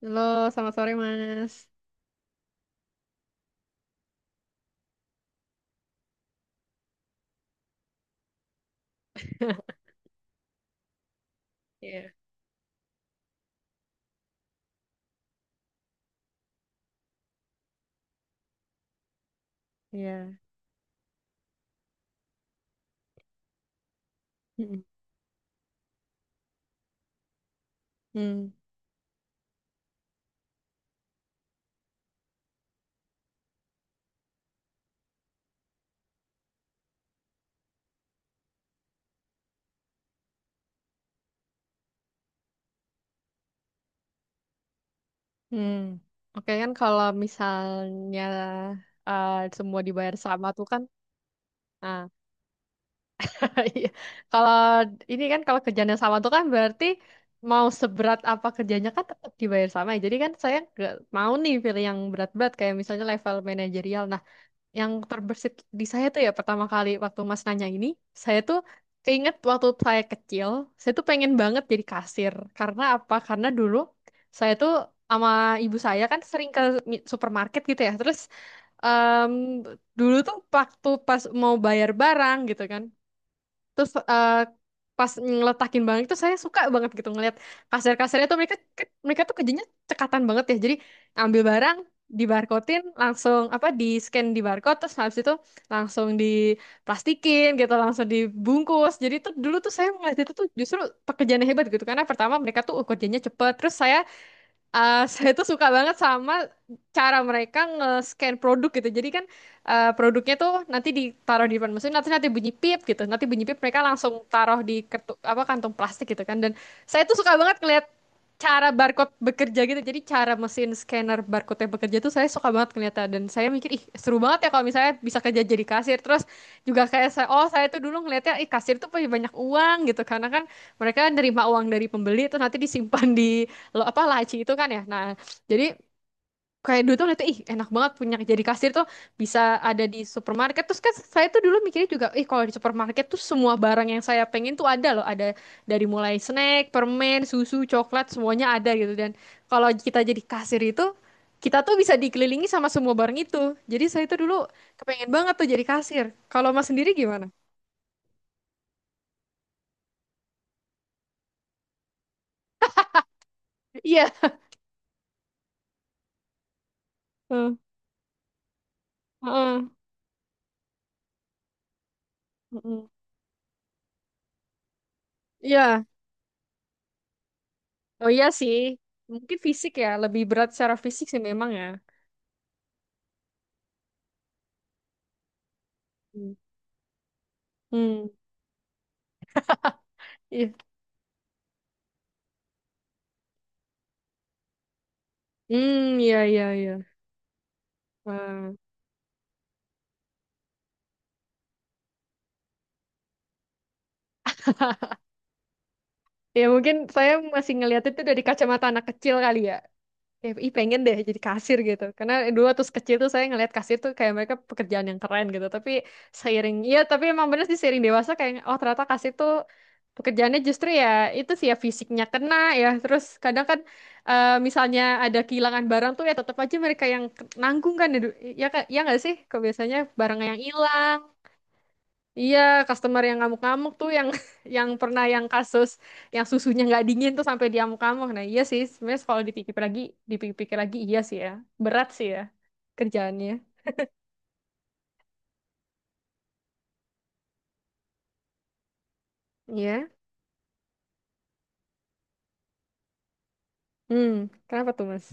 Halo, selamat sore Mas. Iya. Iya. Mm-mm. Hmm. Hmm. Oke, kan kalau misalnya semua dibayar sama tuh kan. Ah, iya. Kalau ini kan kalau kerjanya sama tuh kan berarti mau seberat apa kerjanya kan tetap dibayar sama, ya. Jadi kan saya nggak mau nih pilih yang berat-berat kayak misalnya level manajerial. Nah, yang terbersit di saya tuh ya pertama kali waktu Mas nanya ini, saya tuh keinget waktu saya kecil, saya tuh pengen banget jadi kasir. Karena apa? Karena dulu saya tuh sama ibu saya kan sering ke supermarket gitu ya. Terus em, dulu tuh waktu pas mau bayar barang gitu kan, terus pas ngeletakin barang itu saya suka banget gitu ngeliat kasir-kasirnya tuh mereka mereka tuh kerjanya cekatan banget ya. Jadi ambil barang di, langsung apa di scan di barcode, terus habis itu langsung diplastikin gitu, langsung dibungkus. Jadi tuh dulu tuh saya ngeliat itu tuh justru pekerjaannya hebat gitu, karena pertama mereka tuh kerjanya cepet. Terus saya saya tuh suka banget sama cara mereka nge-scan produk gitu. Jadi kan produknya tuh nanti ditaruh di depan mesin, nanti nanti bunyi pip gitu. Nanti bunyi pip mereka langsung taruh di kertu, apa kantung plastik gitu kan. Dan saya tuh suka banget ngeliat cara barcode bekerja gitu. Jadi cara mesin scanner barcode yang bekerja tuh saya suka banget ngeliatnya. Dan saya mikir, ih seru banget ya kalau misalnya bisa kerja jadi kasir. Terus juga kayak saya, oh saya tuh dulu ngeliatnya, ih kasir tuh punya banyak uang gitu. Karena kan mereka nerima uang dari pembeli terus nanti disimpan di, lo apa, laci itu kan ya. Nah, jadi kayak dulu tuh lihat ih enak banget punya jadi kasir tuh bisa ada di supermarket. Terus kan saya tuh dulu mikirnya juga, ih kalau di supermarket tuh semua barang yang saya pengen tuh ada loh, ada dari mulai snack, permen, susu, coklat, semuanya ada gitu. Dan kalau kita jadi kasir itu kita tuh bisa dikelilingi sama semua barang itu. Jadi saya tuh dulu kepengen banget tuh jadi kasir. Kalau Mas sendiri gimana? Iya. Heeh. Heeh. Heeh. Iya. Oh iya sih, mungkin fisik ya, lebih berat secara fisik sih memang ya. Hmm, hmm, iya, hmm, iya, iya, iya. Wah. Ya mungkin saya masih ngeliat itu dari kacamata anak kecil kali ya. Ya, ih pengen deh jadi kasir gitu. Karena dulu waktu kecil tuh saya ngeliat kasir tuh kayak mereka pekerjaan yang keren gitu. Tapi seiring, ya tapi emang bener sih seiring dewasa kayak, oh ternyata kasir tuh pekerjaannya justru ya itu sih ya fisiknya kena ya. Terus kadang kan misalnya ada kehilangan barang tuh ya tetap aja mereka yang nanggung kan. Ya, ya, ya nggak sih? Kok biasanya barang yang hilang. Iya, customer yang ngamuk-ngamuk tuh yang yang pernah yang kasus yang susunya nggak dingin tuh sampai dia ngamuk-ngamuk. Nah, iya sih, sebenarnya kalau dipikir lagi, dipikir-pikir lagi iya sih ya. Berat sih ya kerjaannya. Iya. Hmm, kenapa tuh, Mas?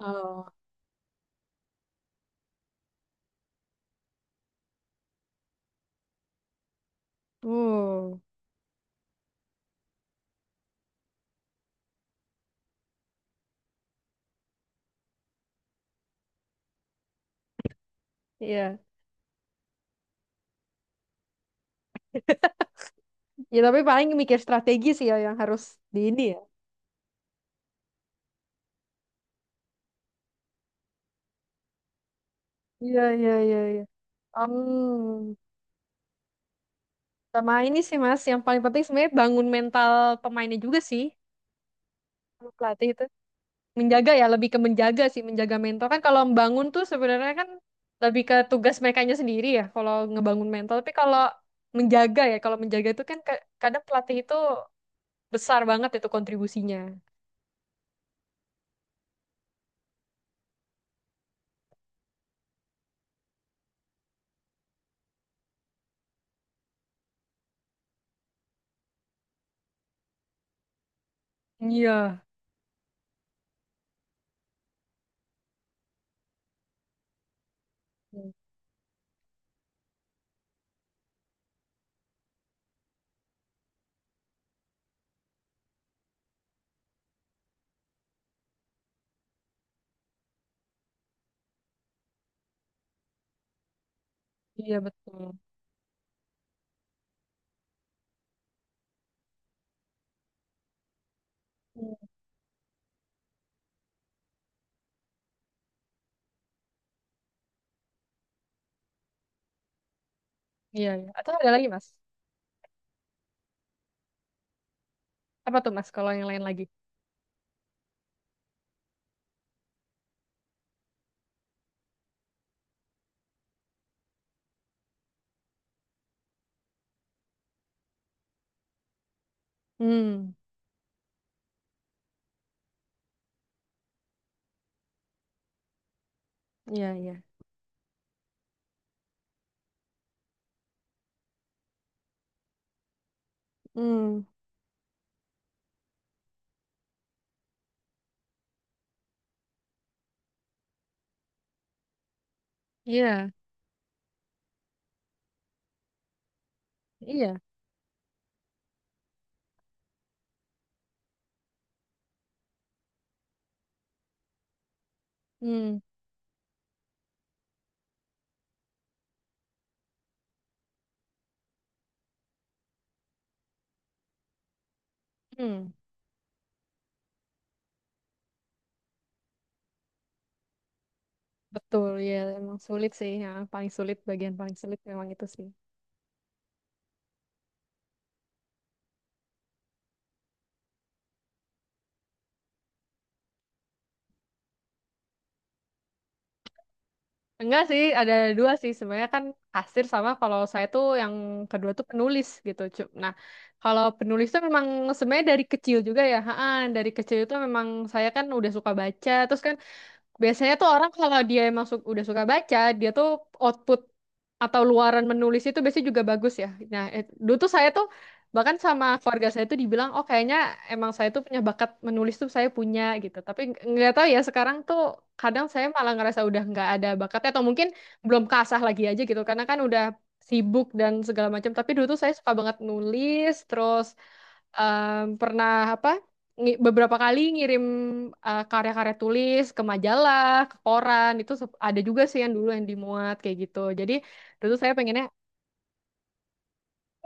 Oh. Oh, iya. Ya tapi paling mikir strategi sih ya yang harus di ini ya. Iya, iya, iya, iya. Hmm. Sama ini sih Mas, yang paling penting sebenarnya bangun mental pemainnya juga sih. Sama pelatih itu. Menjaga ya, lebih ke menjaga sih, menjaga mental kan. Kalau membangun tuh sebenarnya kan lebih ke tugas merekanya sendiri ya kalau ngebangun mental, tapi kalau menjaga, ya kalau menjaga itu kan kadang pelatih itu besar banget itu kontribusinya. Iya. Hmm. Iya betul. Hmm. Iya iya, atau ada lagi Mas? Apa tuh Mas kalau yang lain lagi? Hmm. Iya iya. Hmm. Iya iya. Hmm. Hmm. Betul ya, emang sulit sih ya, paling sulit bagian paling sulit memang itu sih. Enggak sih, ada dua sih sebenarnya kan, kasir sama kalau saya tuh yang kedua tuh penulis gitu. Nah, kalau penulis tuh memang sebenarnya dari kecil juga ya. Ha, dari kecil itu memang saya kan udah suka baca. Terus kan biasanya tuh orang kalau dia masuk udah suka baca, dia tuh output atau luaran menulis itu biasanya juga bagus ya. Nah, dulu tuh saya tuh bahkan sama keluarga saya tuh dibilang, oh kayaknya emang saya tuh punya bakat menulis tuh saya punya gitu. Tapi nggak tahu ya sekarang tuh kadang saya malah ngerasa udah nggak ada bakatnya, atau mungkin belum kasah lagi aja gitu. Karena kan udah sibuk dan segala macam. Tapi dulu tuh saya suka banget nulis, terus pernah apa beberapa kali ngirim karya-karya tulis ke majalah, ke koran itu ada juga sih yang dulu yang dimuat kayak gitu. Jadi dulu saya pengennya.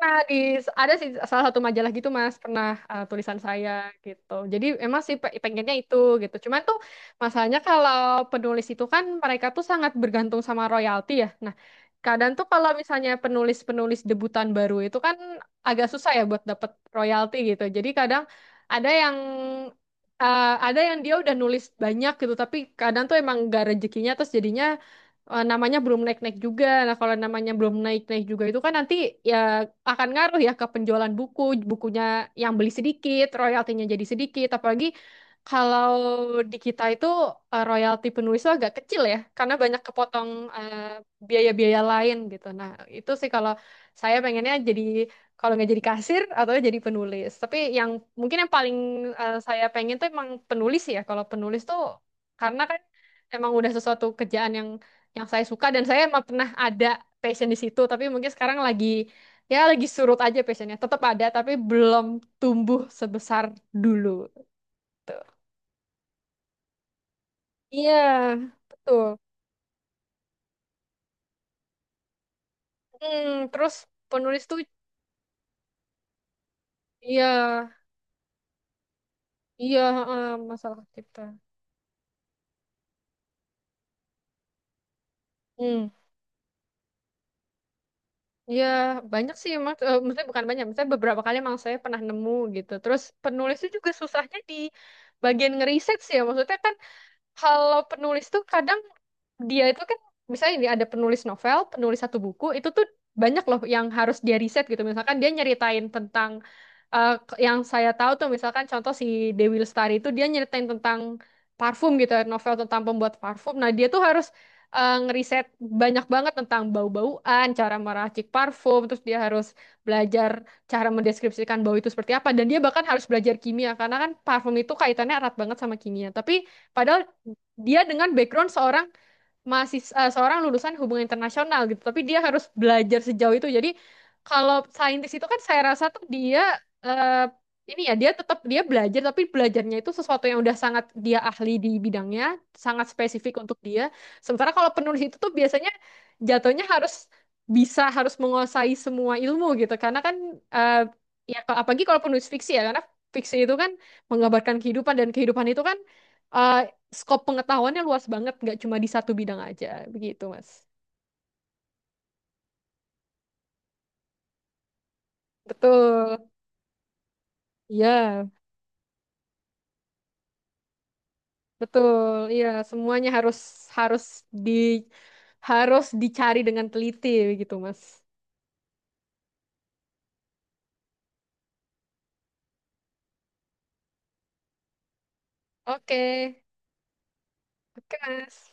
Nah, di ada sih salah satu majalah gitu Mas, pernah tulisan saya gitu. Jadi emang sih pengennya itu gitu. Cuman tuh masalahnya kalau penulis itu kan mereka tuh sangat bergantung sama royalti ya. Nah, kadang tuh kalau misalnya penulis-penulis debutan baru itu kan agak susah ya buat dapet royalti gitu. Jadi kadang ada yang ada yang dia udah nulis banyak gitu, tapi kadang tuh emang gak rezekinya, terus jadinya namanya belum naik-naik juga. Nah, kalau namanya belum naik-naik juga itu kan nanti ya akan ngaruh ya ke penjualan buku, bukunya yang beli sedikit, royaltinya jadi sedikit. Apalagi kalau di kita itu royalti penulis itu agak kecil ya, karena banyak kepotong eh, biaya-biaya lain gitu. Nah, itu sih kalau saya pengennya jadi kalau nggak jadi kasir atau jadi penulis. Tapi yang mungkin yang paling saya pengen tuh emang penulis ya. Kalau penulis tuh karena kan emang udah sesuatu kerjaan yang saya suka dan saya emang pernah ada passion di situ, tapi mungkin sekarang lagi ya lagi surut aja, passionnya tetap ada tapi belum tumbuh sebesar dulu tuh. Iya betul. Hmm, terus penulis tuh. Iya iya. Eh, masalah kita. Hmm. Ya banyak sih emang, eh, maksudnya bukan banyak, maksudnya beberapa kali emang saya pernah nemu gitu. Terus penulis itu juga susahnya di bagian ngeriset sih ya, maksudnya kan kalau penulis tuh kadang dia itu kan misalnya ini ada penulis novel, penulis satu buku, itu tuh banyak loh yang harus dia riset gitu. Misalkan dia nyeritain tentang yang saya tahu tuh misalkan contoh si Dewi Lestari itu dia nyeritain tentang parfum gitu, novel tentang pembuat parfum. Nah, dia tuh harus ngeriset banyak banget tentang bau-bauan, cara meracik parfum, terus dia harus belajar cara mendeskripsikan bau itu seperti apa, dan dia bahkan harus belajar kimia karena kan parfum itu kaitannya erat banget sama kimia. Tapi padahal dia dengan background seorang masih seorang lulusan hubungan internasional gitu, tapi dia harus belajar sejauh itu. Jadi kalau saintis itu kan saya rasa tuh dia eh, ini ya dia tetap dia belajar, tapi belajarnya itu sesuatu yang udah sangat dia ahli di bidangnya, sangat spesifik untuk dia. Sementara kalau penulis itu tuh biasanya jatuhnya harus bisa harus menguasai semua ilmu gitu, karena kan eh, ya apalagi kalau penulis fiksi ya, karena fiksi itu kan menggambarkan kehidupan, dan kehidupan itu kan eh, skop pengetahuannya luas banget, nggak cuma di satu bidang aja, begitu Mas. Betul, iya, betul, iya, semuanya harus harus di harus dicari dengan teliti, begitu Mas. Oke, oke Mas.